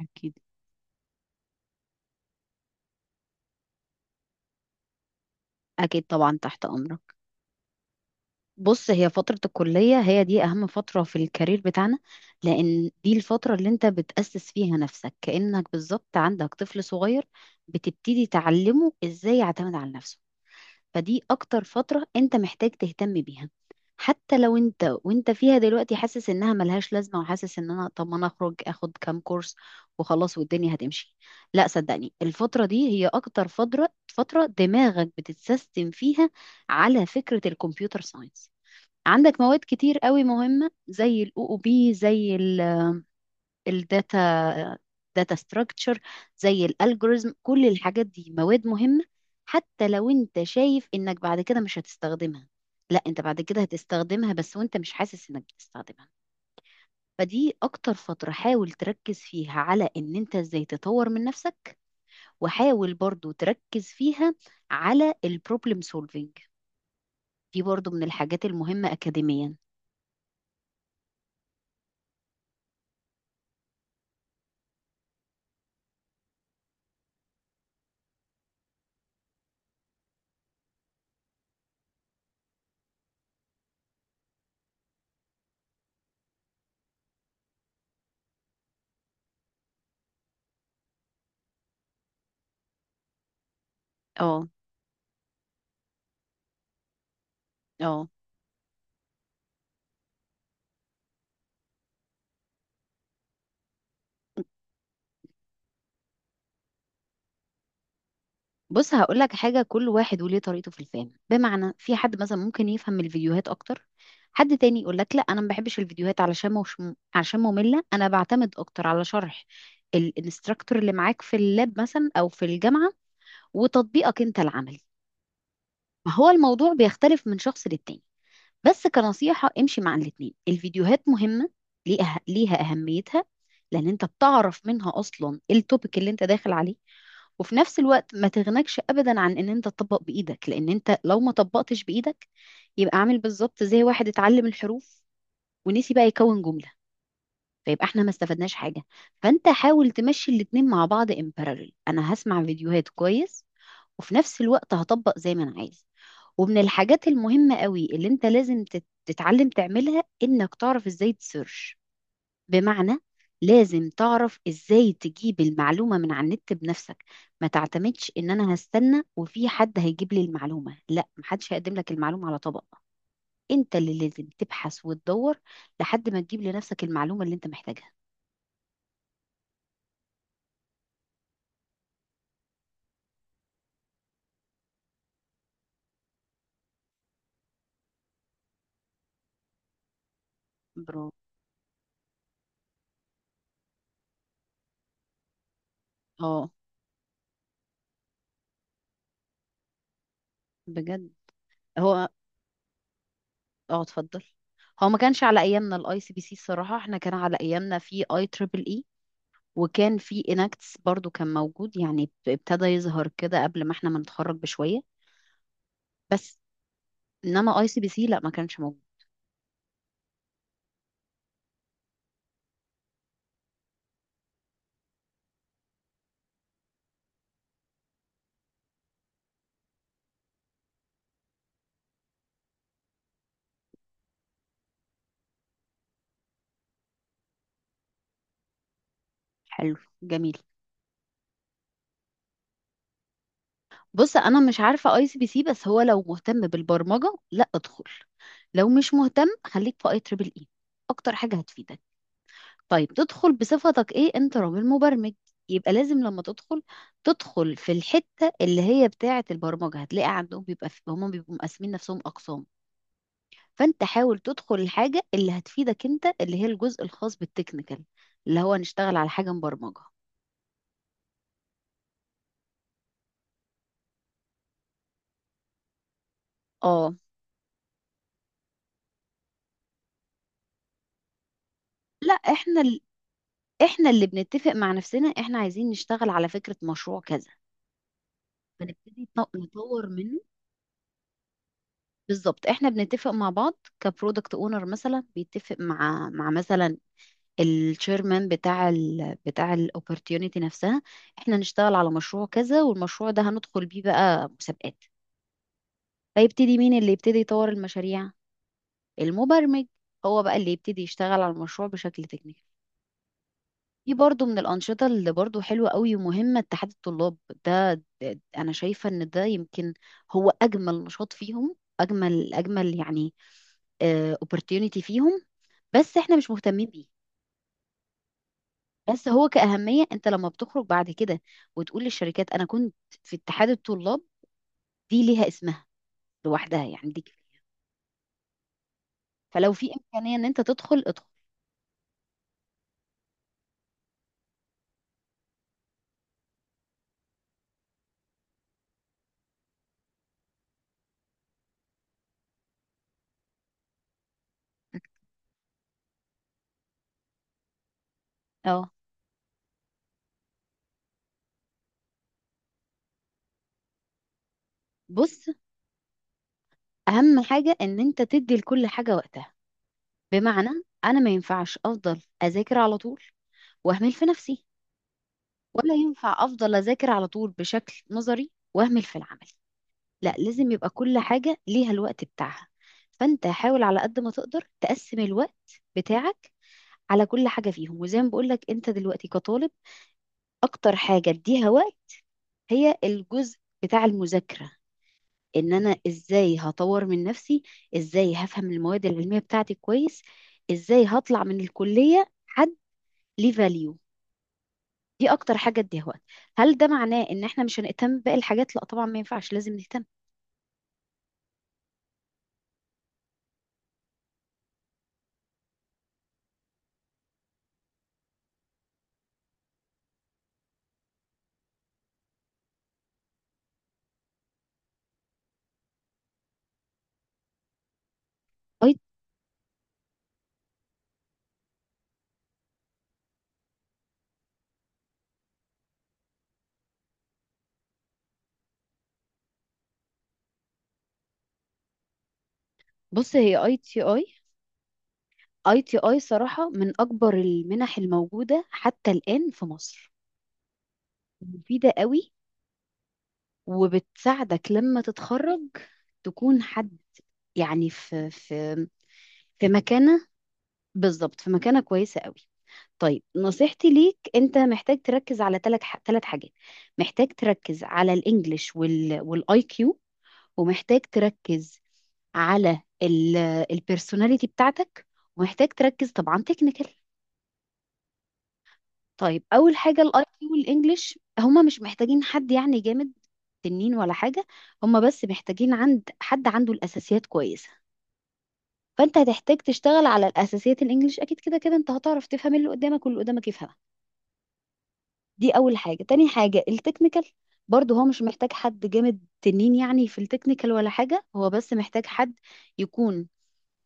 أكيد، أكيد، طبعا تحت أمرك. بص، هي فترة الكلية هي دي أهم فترة في الكارير بتاعنا، لأن دي الفترة اللي أنت بتأسس فيها نفسك، كأنك بالظبط عندك طفل صغير بتبتدي تعلمه إزاي يعتمد على نفسه. فدي اكتر فترة انت محتاج تهتم بيها. حتى لو وانت فيها دلوقتي حاسس انها ملهاش لازمة، وحاسس ان انا، طب ما انا اخرج اخد كام كورس وخلاص والدنيا هتمشي، لا، صدقني الفترة دي هي اكتر فترة دماغك بتتسيستم فيها. على فكرة الكمبيوتر ساينس عندك مواد كتير قوي مهمة، زي الاو او بي، زي الداتا داتا ستراكشر، زي الالجوريزم، كل الحاجات دي مواد مهمة. حتى لو انت شايف انك بعد كده مش هتستخدمها، لا، انت بعد كده هتستخدمها، بس وانت مش حاسس انك بتستخدمها. فدي اكتر فترة حاول تركز فيها على ان انت ازاي تطور من نفسك، وحاول برضو تركز فيها على البروبلم سولفينج، دي برضو من الحاجات المهمة اكاديميا. اه، اه. بص، هقول لك حاجه، كل واحد وليه طريقته في الفهم، بمعنى في حد مثلا ممكن يفهم الفيديوهات اكتر، حد تاني يقول لك لا، انا ما بحبش الفيديوهات علشان مش عشان ممله، انا بعتمد اكتر على شرح الانستراكتور اللي معاك في اللاب مثلا او في الجامعه، وتطبيقك انت العملي. ما هو الموضوع بيختلف من شخص للتاني، بس كنصيحه امشي مع الاتنين، الفيديوهات مهمه، ليها اهميتها، لان انت بتعرف منها اصلا التوبيك اللي انت داخل عليه، وفي نفس الوقت ما تغنكش ابدا عن ان انت تطبق بايدك، لان انت لو ما طبقتش بايدك يبقى عامل بالظبط زي واحد اتعلم الحروف ونسي بقى يكون جملة، فيبقى احنا ما استفدناش حاجة. فانت حاول تمشي الاتنين مع بعض ان parallel، انا هسمع فيديوهات كويس، وفي نفس الوقت هطبق زي ما انا عايز. ومن الحاجات المهمة قوي اللي انت لازم تتعلم تعملها، انك تعرف ازاي تسيرش، بمعنى لازم تعرف ازاي تجيب المعلومة من على النت بنفسك، ما تعتمدش ان انا هستنى وفي حد هيجيب لي المعلومة، لا، محدش هيقدم لك المعلومة على طبق، انت اللي لازم تبحث وتدور لحد ما تجيب لنفسك المعلومة اللي انت محتاجها. برافو. اه، بجد. هو، اه، اتفضل. هو ما كانش على ايامنا الاي سي بي سي الصراحة، احنا كان على ايامنا في اي تريبل اي، وكان في اناكتس برضو كان موجود، يعني ابتدى يظهر كده قبل ما احنا ما نتخرج بشوية، بس. انما اي سي بي سي لا، ما كانش موجود. حلو، جميل. بص، انا مش عارفه اي سي بي سي، بس هو لو مهتم بالبرمجه لا، ادخل، لو مش مهتم خليك في اي تريبل اي، اكتر حاجه هتفيدك. طيب تدخل بصفتك ايه، انت راجل مبرمج، يبقى لازم لما تدخل، تدخل في الحته اللي هي بتاعه البرمجه، هتلاقي عندهم بيبقى في، هم بيبقوا مقسمين نفسهم اقسام، فانت حاول تدخل الحاجه اللي هتفيدك انت، اللي هي الجزء الخاص بالتكنيكال، اللي هو نشتغل على حاجه مبرمجه. اه، لا، احنا اللي بنتفق مع نفسنا احنا عايزين نشتغل على فكرة مشروع كذا، فنبتدي نطور منه. بالظبط، احنا بنتفق مع بعض كبرودكت اونر مثلا بيتفق مع مثلا الشيرمان بتاع بتاع الاوبورتيونيتي نفسها، احنا نشتغل على مشروع كذا، والمشروع ده هندخل بيه بقى مسابقات، فيبتدي مين اللي يبتدي يطور المشاريع، المبرمج، هو بقى اللي يبتدي يشتغل على المشروع بشكل تكنيكال. في برضو من الأنشطة اللي برضو حلوة قوي ومهمة، اتحاد الطلاب، ده, ده أنا شايفة إن ده يمكن هو أجمل نشاط فيهم، أجمل أجمل يعني opportunity فيهم، بس إحنا مش مهتمين بيه. بس هو كأهمية، أنت لما بتخرج بعد كده وتقول للشركات أنا كنت في اتحاد الطلاب، دي ليها اسمها لوحدها، يعني دي كفاية. فلو في إمكانية إن أنت تدخل، ادخل. اه، بص، اهم حاجه ان انت تدي لكل حاجه وقتها، بمعنى انا ما ينفعش افضل اذاكر على طول واهمل في نفسي، ولا ينفع افضل اذاكر على طول بشكل نظري واهمل في العمل، لا، لازم يبقى كل حاجة ليها الوقت بتاعها. فانت حاول على قد ما تقدر تقسم الوقت بتاعك على كل حاجة فيهم، وزي ما بقولك انت دلوقتي كطالب اكتر حاجة اديها وقت هي الجزء بتاع المذاكرة، ان انا ازاي هطور من نفسي، ازاي هفهم المواد العلمية بتاعتي كويس، ازاي هطلع من الكلية حد ليه value، دي اكتر حاجه اديها وقت. هل ده معناه ان احنا مش هنهتم باقي الحاجات؟ لا طبعا، ما ينفعش، لازم نهتم. اي، بص، هي اي تي اي اي تي اي صراحه من اكبر المنح الموجوده حتى الان في مصر، مفيده قوي، وبتساعدك لما تتخرج تكون حد يعني في، في مكانه، بالظبط، في مكانه كويسه قوي. طيب نصيحتي ليك، انت محتاج تركز على ثلاث حاجات، محتاج تركز على الانجليش، والاي كيو، ومحتاج تركز على البيرسوناليتي بتاعتك، ومحتاج تركز طبعا تكنيكال. طيب، اول حاجه الاي كيو والانجليش هما مش محتاجين حد يعني جامد تنين ولا حاجه، هما بس محتاجين عند حد عنده الاساسيات كويسه، فانت هتحتاج تشتغل على الاساسيات. الانجليش اكيد كده كده انت هتعرف تفهم اللي قدامك واللي قدامك يفهمك، دي اول حاجه. تاني حاجه التكنيكال، برضه هو مش محتاج حد جامد تنين يعني في التكنيكال ولا حاجه، هو بس محتاج حد يكون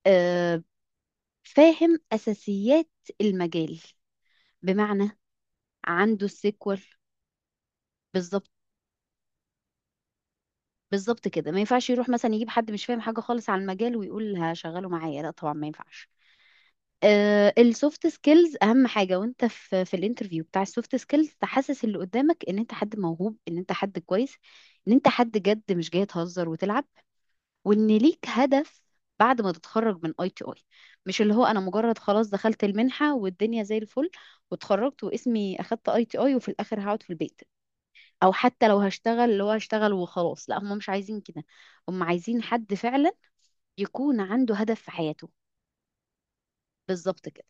آه، فاهم اساسيات المجال، بمعنى عنده السيكوال، بالظبط، بالظبط كده. ما ينفعش يروح مثلا يجيب حد مش فاهم حاجه خالص عن المجال ويقول هشغله معايا، لا طبعا ما ينفعش. السوفت سكيلز اهم حاجه، وانت في الانترفيو بتاع السوفت سكيلز تحسس اللي قدامك ان انت حد موهوب، ان انت حد كويس، ان انت حد جد مش جاي تهزر وتلعب، وان ليك هدف بعد ما تتخرج من اي تي اي. مش اللي هو انا مجرد خلاص دخلت المنحه والدنيا زي الفل، واتخرجت واسمي اخدت اي تي اي وفي الاخر هقعد في البيت، او حتى لو هشتغل، اللي هو هشتغل وخلاص، لا، هم مش عايزين كده. هم عايزين حد فعلا يكون عنده هدف في حياته. بالظبط كده،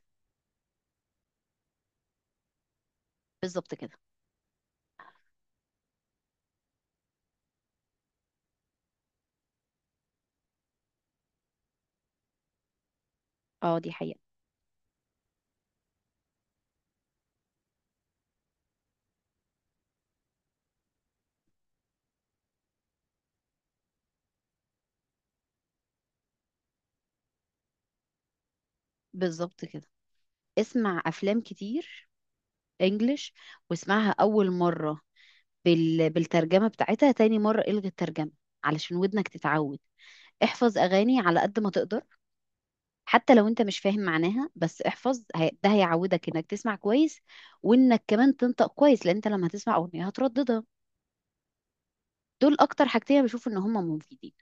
بالظبط كده. اه، دي حقيقه. بالظبط كده، اسمع افلام كتير انجلش، واسمعها اول مره بالترجمه بتاعتها، تاني مره الغي الترجمه علشان ودنك تتعود. احفظ اغاني على قد ما تقدر، حتى لو انت مش فاهم معناها، بس احفظ، ده هيعودك انك تسمع كويس، وانك كمان تنطق كويس، لان انت لما هتسمع اغنية هترددها. دول اكتر حاجتين بشوف ان هم مفيدين.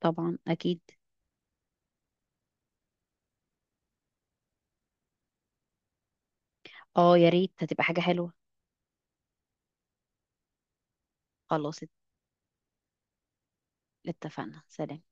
طبعا اكيد. اه، يا ريت، هتبقى حاجة حلوة. خلاص، اتفقنا، سلام.